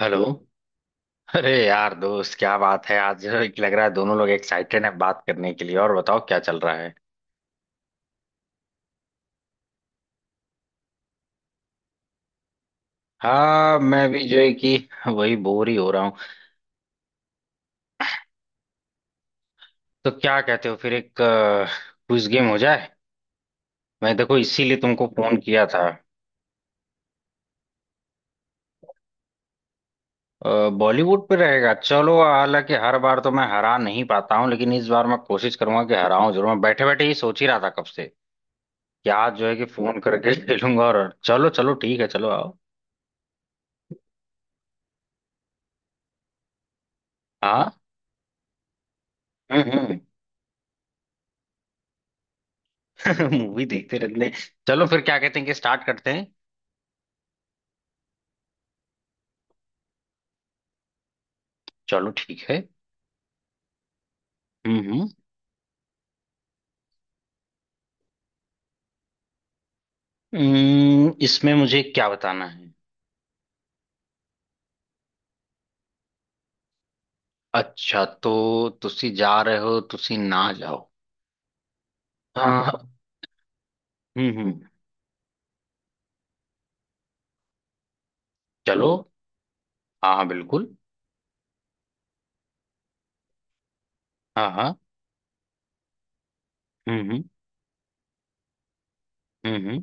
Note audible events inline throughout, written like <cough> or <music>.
Hello. अरे यार दोस्त, क्या बात है, आज लग रहा है दोनों लोग एक्साइटेड हैं बात करने के लिए। और बताओ क्या चल रहा है? हाँ, मैं भी जो है कि वही बोर ही हो रहा हूँ। तो क्या कहते हो, फिर एक क्विज गेम हो जाए? मैं देखो इसीलिए तुमको फोन किया था। बॉलीवुड पे रहेगा चलो, हालांकि हर बार तो मैं हरा नहीं पाता हूँ, लेकिन इस बार मैं कोशिश करूंगा कि हराऊं जरूर। मैं बैठे बैठे ही सोच ही रहा था कब से कि आज जो है कि फोन करके <laughs> खेलूंगा, और चलो चलो ठीक है, चलो आओ। हाँ। हम्म। <laughs> मूवी देखते रहते हैं। चलो फिर क्या कहते हैं कि स्टार्ट करते हैं। चलो ठीक है। हम्म। इसमें मुझे क्या बताना है? अच्छा, तो तुसी जा रहे हो, तुसी ना जाओ। हाँ हाँ। हम्म। चलो। हाँ हाँ बिल्कुल। हाँ हाँ। हम्म। हम्म।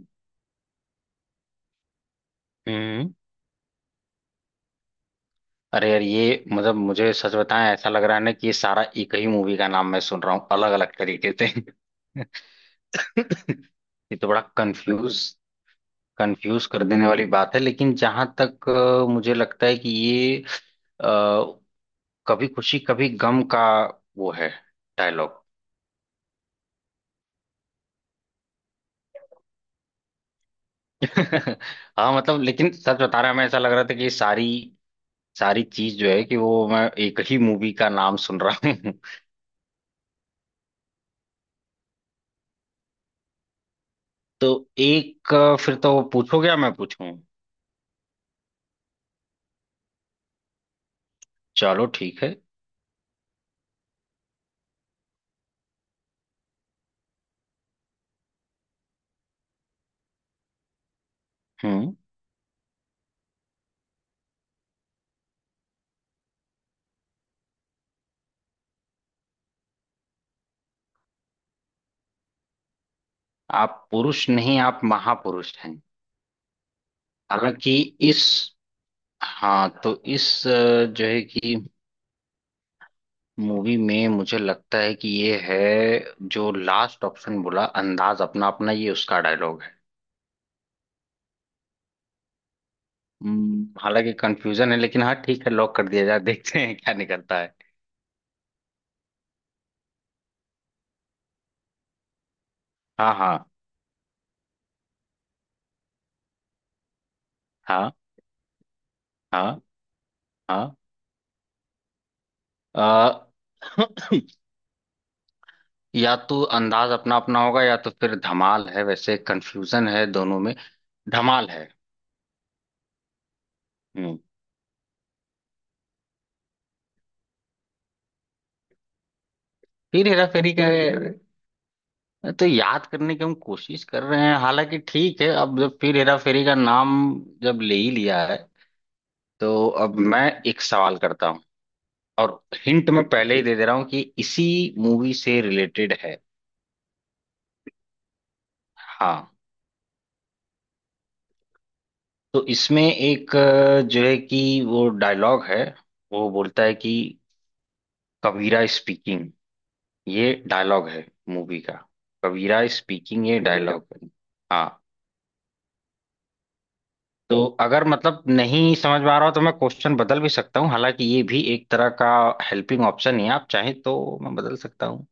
हम्म। अरे यार, ये मतलब मुझे सच बताएं, ऐसा लग रहा है ना कि ये सारा एक ही मूवी का नाम मैं सुन रहा हूँ, अलग अलग तरीके से। <laughs> ये तो बड़ा कंफ्यूज कंफ्यूज कर देने वाली बात है। लेकिन जहां तक मुझे लगता है कि ये अ, कभी खुशी कभी गम का वो है डायलॉग। <laughs> हाँ मतलब, लेकिन सच बता रहा हूं, मैं ऐसा लग रहा था कि सारी सारी चीज जो है कि वो मैं एक ही मूवी का नाम सुन रहा हूँ। <laughs> तो एक फिर तो वो पूछोगे या मैं पूछूं? चलो ठीक है। हम्म। आप पुरुष नहीं, आप महापुरुष हैं। हालांकि इस, हाँ तो इस जो है कि मूवी में मुझे लगता है कि ये है, जो लास्ट ऑप्शन बोला अंदाज अपना अपना, ये उसका डायलॉग है। हालांकि कंफ्यूजन है, लेकिन हाँ ठीक है, लॉक कर दिया जाए, देखते हैं क्या निकलता है। हाँ हाँ। हाँ। हाँ। हाँ। अ, <clears throat> या तो अंदाज अपना अपना होगा, या तो फिर धमाल है, वैसे कंफ्यूजन है दोनों में। धमाल है। हम्म। फिर हेरा फेरी का, तो याद करने की हम कोशिश कर रहे हैं। हालांकि ठीक है, अब जब फिर हेरा फेरी का नाम जब ले ही लिया है तो अब मैं एक सवाल करता हूँ। और हिंट मैं पहले ही दे दे रहा हूँ कि इसी मूवी से रिलेटेड है। हाँ, तो इसमें एक जो है कि वो डायलॉग है, वो बोलता है कि कबीरा स्पीकिंग। ये डायलॉग है मूवी का, कबीरा स्पीकिंग ये डायलॉग है। हाँ, तो अगर मतलब नहीं समझ में आ रहा हो तो मैं क्वेश्चन बदल भी सकता हूँ, हालांकि ये भी एक तरह का हेल्पिंग ऑप्शन ही है, आप चाहें तो मैं बदल सकता हूँ।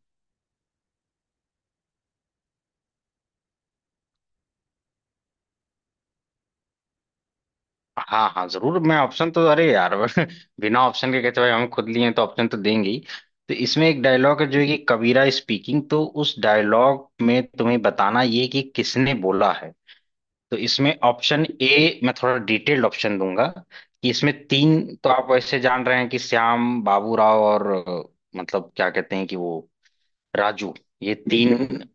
हाँ हाँ जरूर, मैं ऑप्शन तो, अरे यार <laughs> बिना ऑप्शन के कहते, भाई हम खुद लिए हैं तो ऑप्शन तो देंगे ही। तो इसमें एक डायलॉग है जो है कि कबीरा स्पीकिंग, तो उस डायलॉग में तुम्हें बताना ये कि किसने बोला है। तो इसमें ऑप्शन ए, मैं थोड़ा डिटेल्ड ऑप्शन दूंगा, कि इसमें तीन तो आप वैसे जान रहे हैं कि श्याम बाबूराव और मतलब क्या कहते हैं कि वो राजू, ये तीन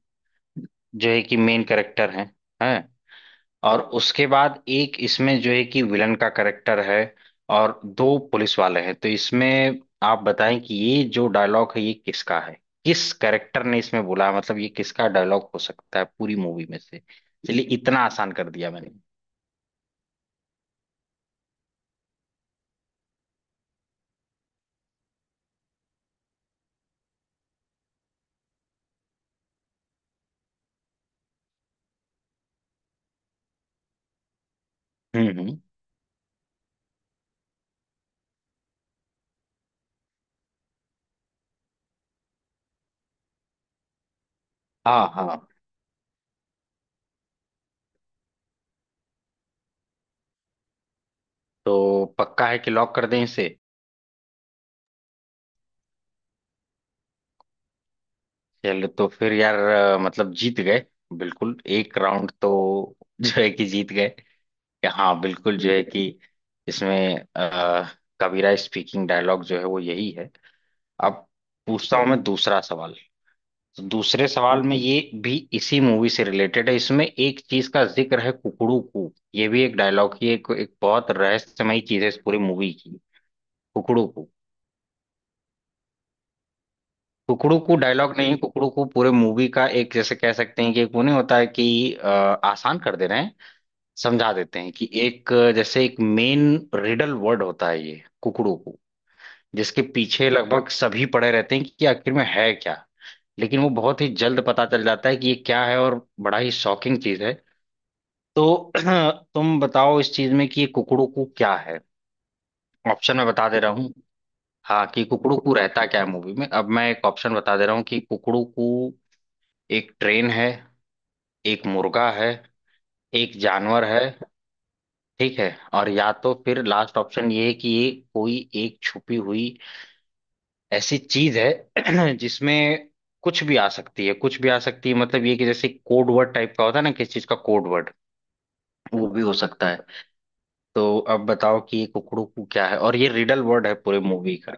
जो है कि मेन कैरेक्टर हैं, हैं। और उसके बाद एक इसमें जो है कि विलन का करेक्टर है, और दो पुलिस वाले हैं। तो इसमें आप बताएं कि ये जो डायलॉग है ये किसका है, किस करेक्टर ने इसमें बोला है? मतलब ये किसका डायलॉग हो सकता है पूरी मूवी में से? चलिए इतना आसान कर दिया मैंने। हम्म। हाँ हाँ। तो पक्का है कि लॉक कर दें इसे? चलो तो फिर यार, मतलब जीत गए, बिल्कुल एक राउंड तो <laughs> जो है कि जीत गए। हाँ बिल्कुल जो है कि इसमें कबीरा स्पीकिंग डायलॉग जो है वो यही है। अब पूछता हूँ मैं दूसरा सवाल। तो दूसरे सवाल में ये भी इसी मूवी से रिलेटेड है, इसमें एक चीज का जिक्र है कुकड़ू कू, ये भी एक डायलॉग ही, एक, एक बहुत रहस्यमयी चीज है इस पूरी मूवी की, कुकड़ू कू। कुकड़ू कू डायलॉग नहीं, कुकड़ू कू पूरे मूवी का एक जैसे कह सकते हैं कि एक, वो नहीं होता है कि आसान कर दे रहे हैं, समझा देते हैं कि एक जैसे एक मेन रिडल वर्ड होता है ये कुकड़ू कू, जिसके पीछे लगभग सभी पड़े रहते हैं कि आखिर में है क्या। लेकिन वो बहुत ही जल्द पता चल जाता है कि ये क्या है, और बड़ा ही शॉकिंग चीज है। तो <clears throat> तुम बताओ इस चीज में कि ये कुकड़ू क्या है। ऑप्शन मैं बता दे रहा हूँ, हाँ कि कुकड़ू रहता क्या है मूवी में। अब मैं एक ऑप्शन बता दे रहा हूँ कि कुकड़ू एक ट्रेन है, एक मुर्गा है, एक जानवर है, ठीक है। और या तो फिर लास्ट ऑप्शन ये है कि ये कोई एक छुपी हुई ऐसी चीज है <clears throat> जिसमें कुछ भी आ सकती है, कुछ भी आ सकती है। मतलब ये कि जैसे कोड वर्ड टाइप का होता है ना, किस चीज का कोड वर्ड, वो भी हो सकता है। तो अब बताओ कि ये कुकड़ू क्या है, और ये रिडल वर्ड है पूरे मूवी का।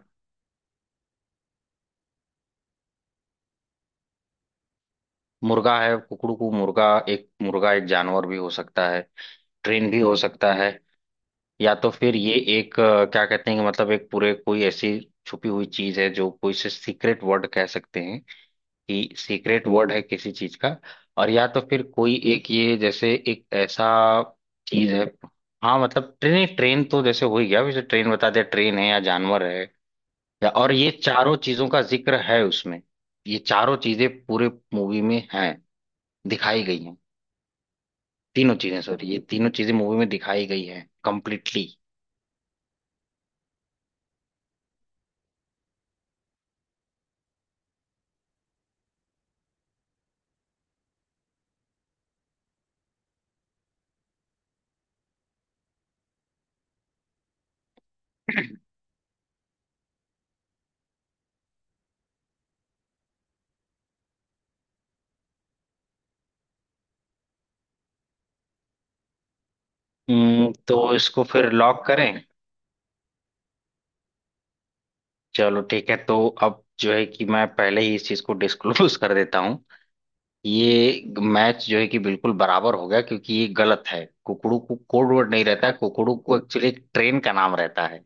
मुर्गा है कुकड़ू को, मुर्गा एक जानवर भी हो सकता है, ट्रेन भी हो सकता है। या तो फिर ये एक क्या कहते हैं कि मतलब एक पूरे कोई ऐसी छुपी हुई चीज है जो कोई से सीक्रेट वर्ड कह सकते हैं, कि सीक्रेट वर्ड है किसी चीज का। और या तो फिर कोई एक ये जैसे एक ऐसा चीज है। हाँ मतलब ट्रेन ट्रेन तो जैसे हो ही गया, वैसे ट्रेन बता दिया, ट्रेन है या जानवर है या, और ये चारों चीजों का जिक्र है उसमें, ये चारों चीजें पूरे मूवी में हैं, दिखाई गई हैं। तीनों चीजें सॉरी, ये तीनों चीजें मूवी में दिखाई गई हैं कंप्लीटली। तो इसको फिर लॉक करें। चलो ठीक है। तो अब जो है कि मैं पहले ही इस चीज को डिस्क्लोज कर देता हूँ, ये मैच जो है कि बिल्कुल बराबर हो गया, क्योंकि ये गलत है, कुकड़ू को कोड वर्ड नहीं रहता है, कुकड़ू को एक्चुअली ट्रेन का नाम रहता है,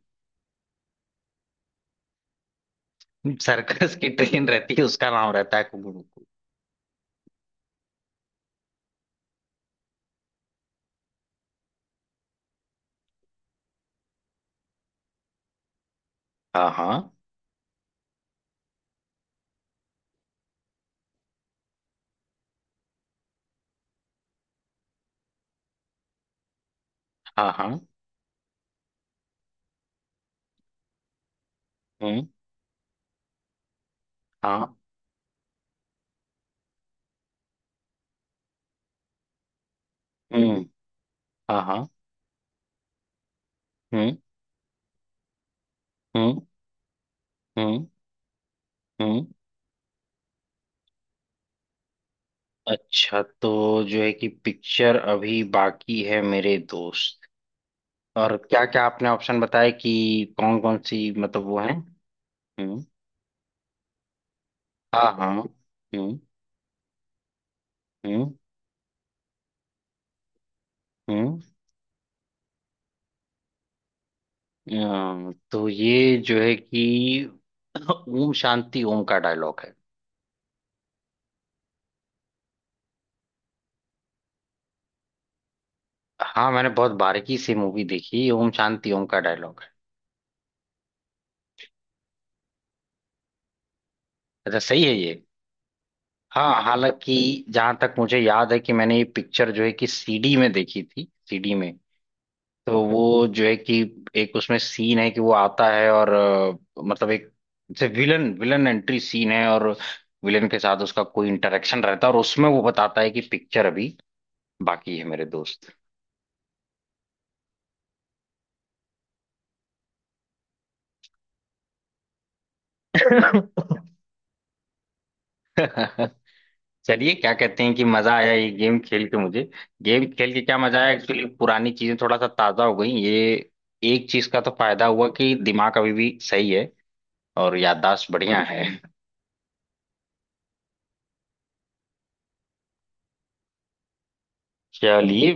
सर्कस की ट्रेन रहती है, उसका नाम रहता है कुकड़ू को। हाँ हाँ। हाँ हाँ। हम्म। हाँ। हम्म। हाँ हाँ। हम्म हम्म। हम्म हम्म। अच्छा, तो जो है कि पिक्चर अभी बाकी है मेरे दोस्त, और क्या क्या आपने ऑप्शन बताए कि कौन कौन सी मतलब वो है। हम्म। हाँ हाँ। हम्म। हम्म। तो ये जो है कि <laughs> ओम शांति ओम का डायलॉग है। हाँ मैंने बहुत बारीकी से मूवी देखी, ओम शांति ओम का डायलॉग है। अच्छा सही है ये? हाँ, हालांकि जहां तक मुझे याद है कि मैंने ये पिक्चर जो है कि सीडी में देखी थी, सीडी में। तो वो जो है कि एक उसमें सीन है कि वो आता है और मतलब एक जैसे विलन विलन एंट्री सीन है, और विलन के साथ उसका कोई इंटरेक्शन रहता है और उसमें वो बताता है कि पिक्चर अभी बाकी है मेरे दोस्त। <laughs> चलिए क्या कहते हैं कि मजा आया ये गेम खेल के मुझे, गेम खेल के क्या मजा आया एक्चुअली, पुरानी चीजें थोड़ा सा ताजा हो गई। ये एक चीज का तो फायदा हुआ कि दिमाग अभी भी सही है, और याददाश्त बढ़िया है। चलिए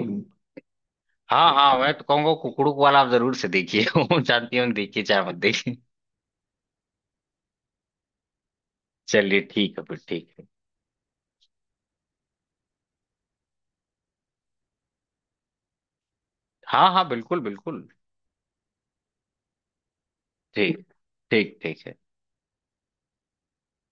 हाँ हाँ, मैं तो कहूंगा कुकड़ू वाला आप जरूर से देखिए। <laughs> वो जानती हूँ, देखिए चाहे मत देखिए। चलिए ठीक है फिर, ठीक है। हाँ हाँ बिल्कुल बिल्कुल। ठीक, ठीक ठीक है।